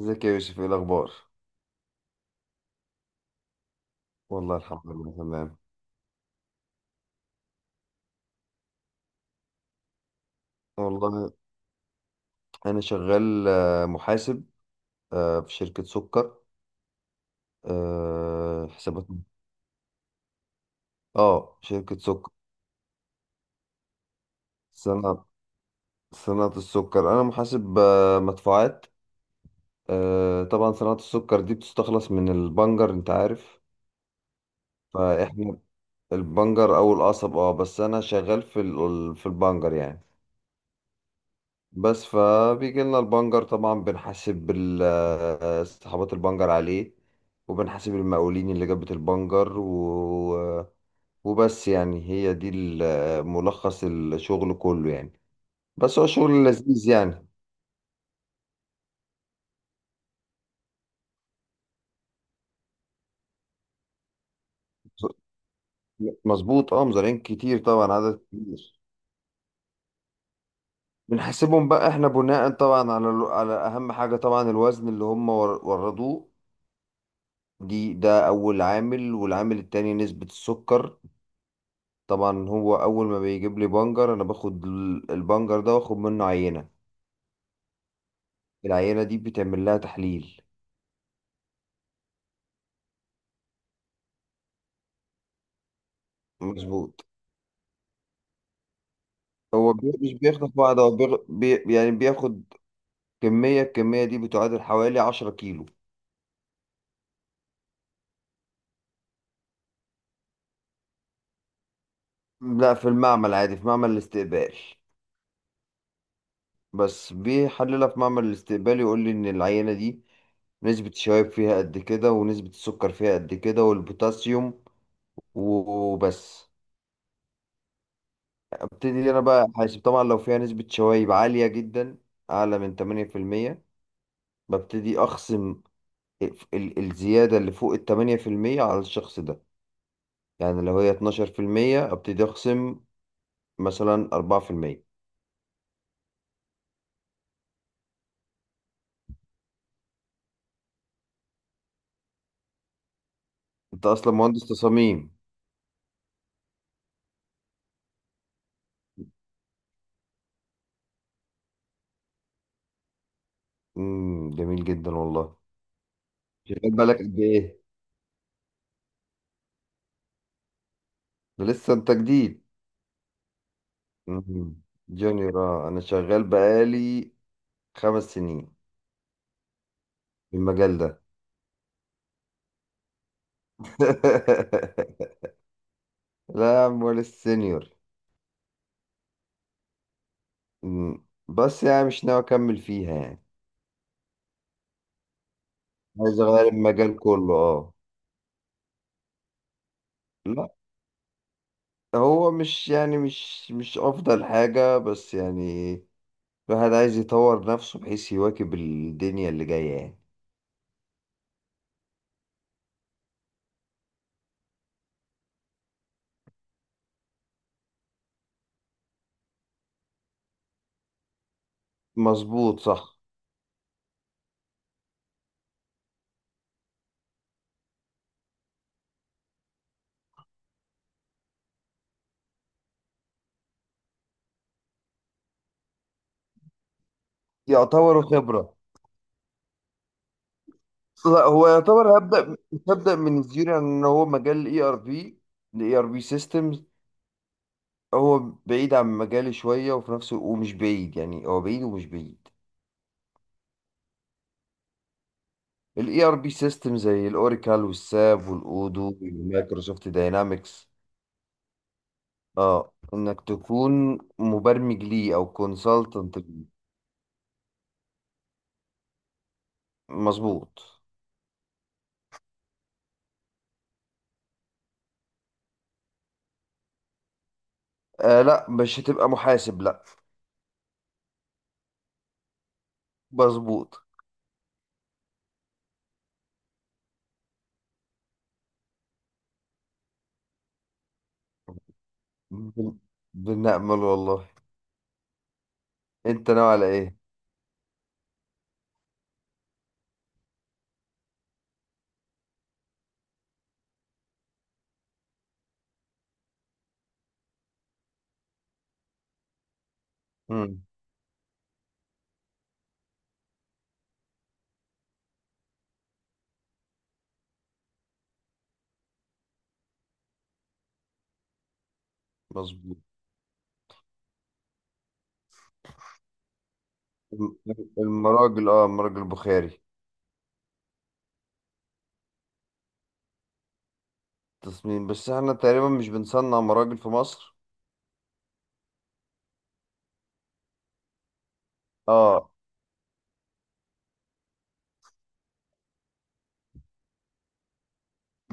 ازيك يا يوسف؟ ايه الاخبار؟ والله الحمد لله تمام. والله انا شغال محاسب، في شركة سكر، حسابات. اه، شركة سكر. صناعة صناعة السكر. انا محاسب مدفوعات. طبعا صناعة السكر دي بتستخلص من البنجر، انت عارف. فاحنا البنجر او القصب، اه، بس انا شغال في البنجر يعني. بس فبيجي لنا البنجر، طبعا بنحاسب صحابات البنجر عليه. وبنحاسب المقاولين اللي جابت البنجر. وبس، يعني هي دي ملخص الشغل كله يعني. بس هو شغل لذيذ يعني. مظبوط، اه، مزارعين كتير طبعا، عدد كبير. بنحاسبهم بقى احنا، بناء طبعا على اهم حاجة طبعا الوزن اللي هم وردوه. ده اول عامل، والعامل التاني نسبة السكر. طبعا هو اول ما بيجيب لي بنجر، انا باخد البنجر ده واخد منه عينه. العينه دي بتعمل لها تحليل. مظبوط. هو مش بياخد بعض، هو يعني بياخد الكميه دي بتعادل حوالي 10 كيلو. لا، في المعمل عادي، في معمل الاستقبال. بس بيحللها في معمل الاستقبال، يقول لي ان العينه دي نسبه الشباب فيها قد كده، ونسبه السكر فيها قد كده، والبوتاسيوم وبس. ابتدي انا بقى احاسب، طبعا لو فيها نسبة شوايب عالية جدا اعلى من 8%، ببتدي اخصم الزيادة اللي فوق ال 8% على الشخص ده. يعني لو هي 12% ابتدي اخصم مثلا 4%. انت اصلا مهندس تصاميم؟ جميل جدا والله. شغال بقالك قد ايه؟ ده لسه انت جديد. مم. جونيور. انا شغال بقالي 5 سنين في المجال ده. لا يا عم، ولا السينيور. بس يعني مش ناوي اكمل فيها يعني. عايز اغير المجال كله، اه. لا، هو مش يعني مش افضل حاجة، بس يعني الواحد عايز يطور نفسه بحيث يواكب الدنيا اللي جاية يعني. مظبوط، صح. يعتبر خبرة. لا، هو يعتبر هبدأ من الزيرو، يعني ان هو مجال الاي ار بي، الاي ار بي سيستمز. هو بعيد عن مجالي شوية، وفي نفس ومش بعيد يعني، هو بعيد ومش بعيد. الاي ار بي سيستم زي الاوراكل والساب والاودو والمايكروسوفت داينامكس. اه، انك تكون مبرمج ليه او كونسلتنت. مظبوط. لا، مش هتبقى محاسب، لا. مظبوط. بن- بنأمل والله. انت ناوي على ايه؟ مم. مظبوط. المراجل البخاري. تصميم، بس احنا تقريبا مش بنصنع مراجل في مصر. اه،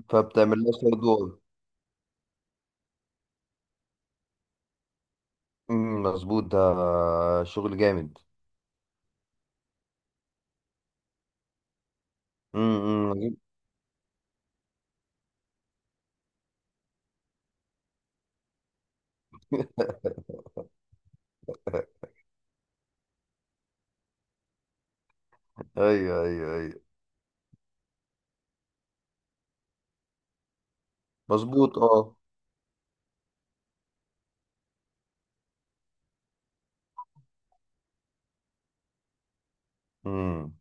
فبتعمل لها صدور. مم، مظبوط. ده شغل جامد. امم ايوه، ايوه، ايوه. مظبوط، اه. امم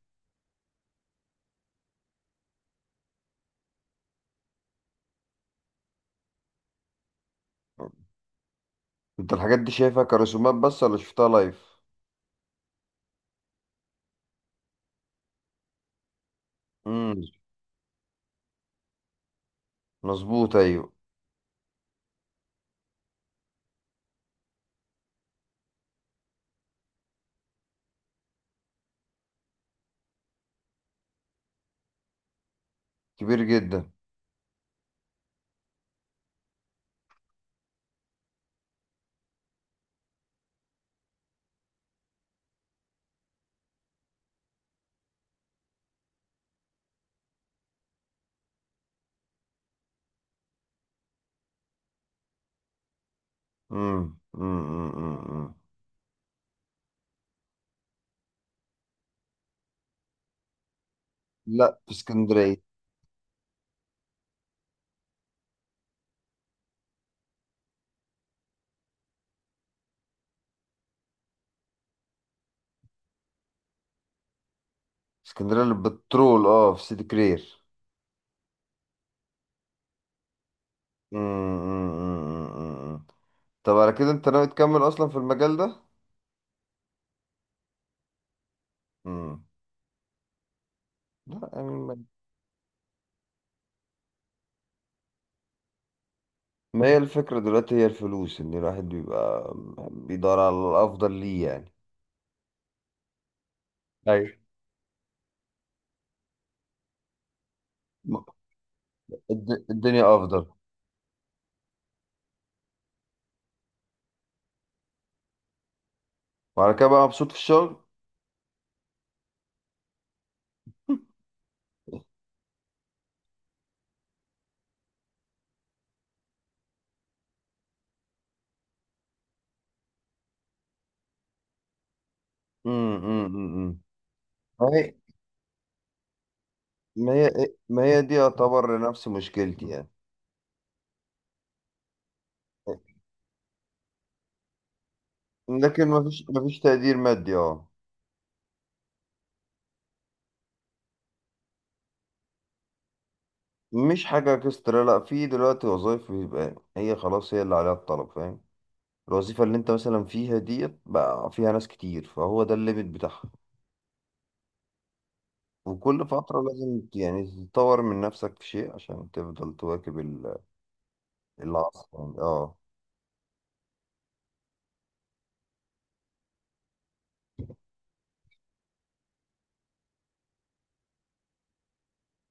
انت الحاجات دي شايفها كرسومات بس، ولا شفتها لايف؟ امم مظبوط، ايوه. كبير جدا. امم، امم، امم، أمم، أمم. لا، في اسكندريه. اسكندريه للبترول، اه، في سيدي كرير. امم، أمم، أمم، أمم، أمم. طب على كده انت ناوي تكمل اصلا في المجال ده؟ امم. لا، يعني ما. ما هي الفكره دلوقتي هي الفلوس ان الواحد بيبقى بيدور على الافضل ليه يعني ايوه الد- الدنيا افضل وعلى كده بقى مبسوط في الشغل أمم. ما هي ما هي ما هي دي يعتبر نفس مشكلتي يعني. لكن ما فيش تقدير مادي، اه. مش حاجة اكسترا، لا، في دلوقتي وظائف بيبقى هي خلاص هي اللي عليها الطلب، فاهم. الوظيفة اللي انت مثلا فيها ديت بقى فيها ناس كتير، فهو ده الليميت بتاعها. وكل فترة لازم يعني تطور من نفسك في شيء عشان تفضل تواكب العصر يعني، اه.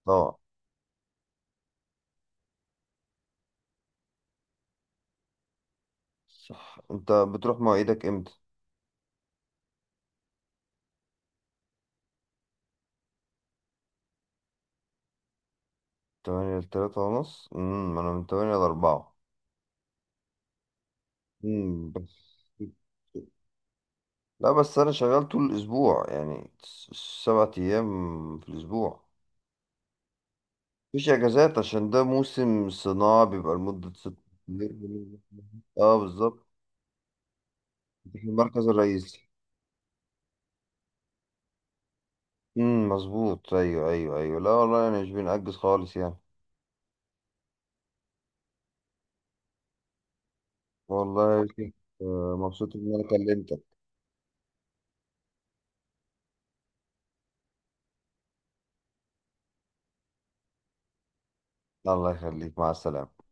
طبعا. صح، انت بتروح مواعيدك امتى؟ 8 لـ 3 ونص. ما أنا من 8 لـ 4. امم، بس. لا، بس أنا شغال طول الأسبوع يعني، 7 أيام في الأسبوع. مفيش أجازات عشان ده موسم صناعة بيبقى لمدة 6 شهور. اه، بالظبط. في المركز الرئيسي. مظبوط. أيوه، أيوه، أيوه. لا والله أنا مش بنأجز خالص يعني. والله يا يوسف، مبسوط إن أنا كلمتك. الله يخليك، مع السلامة.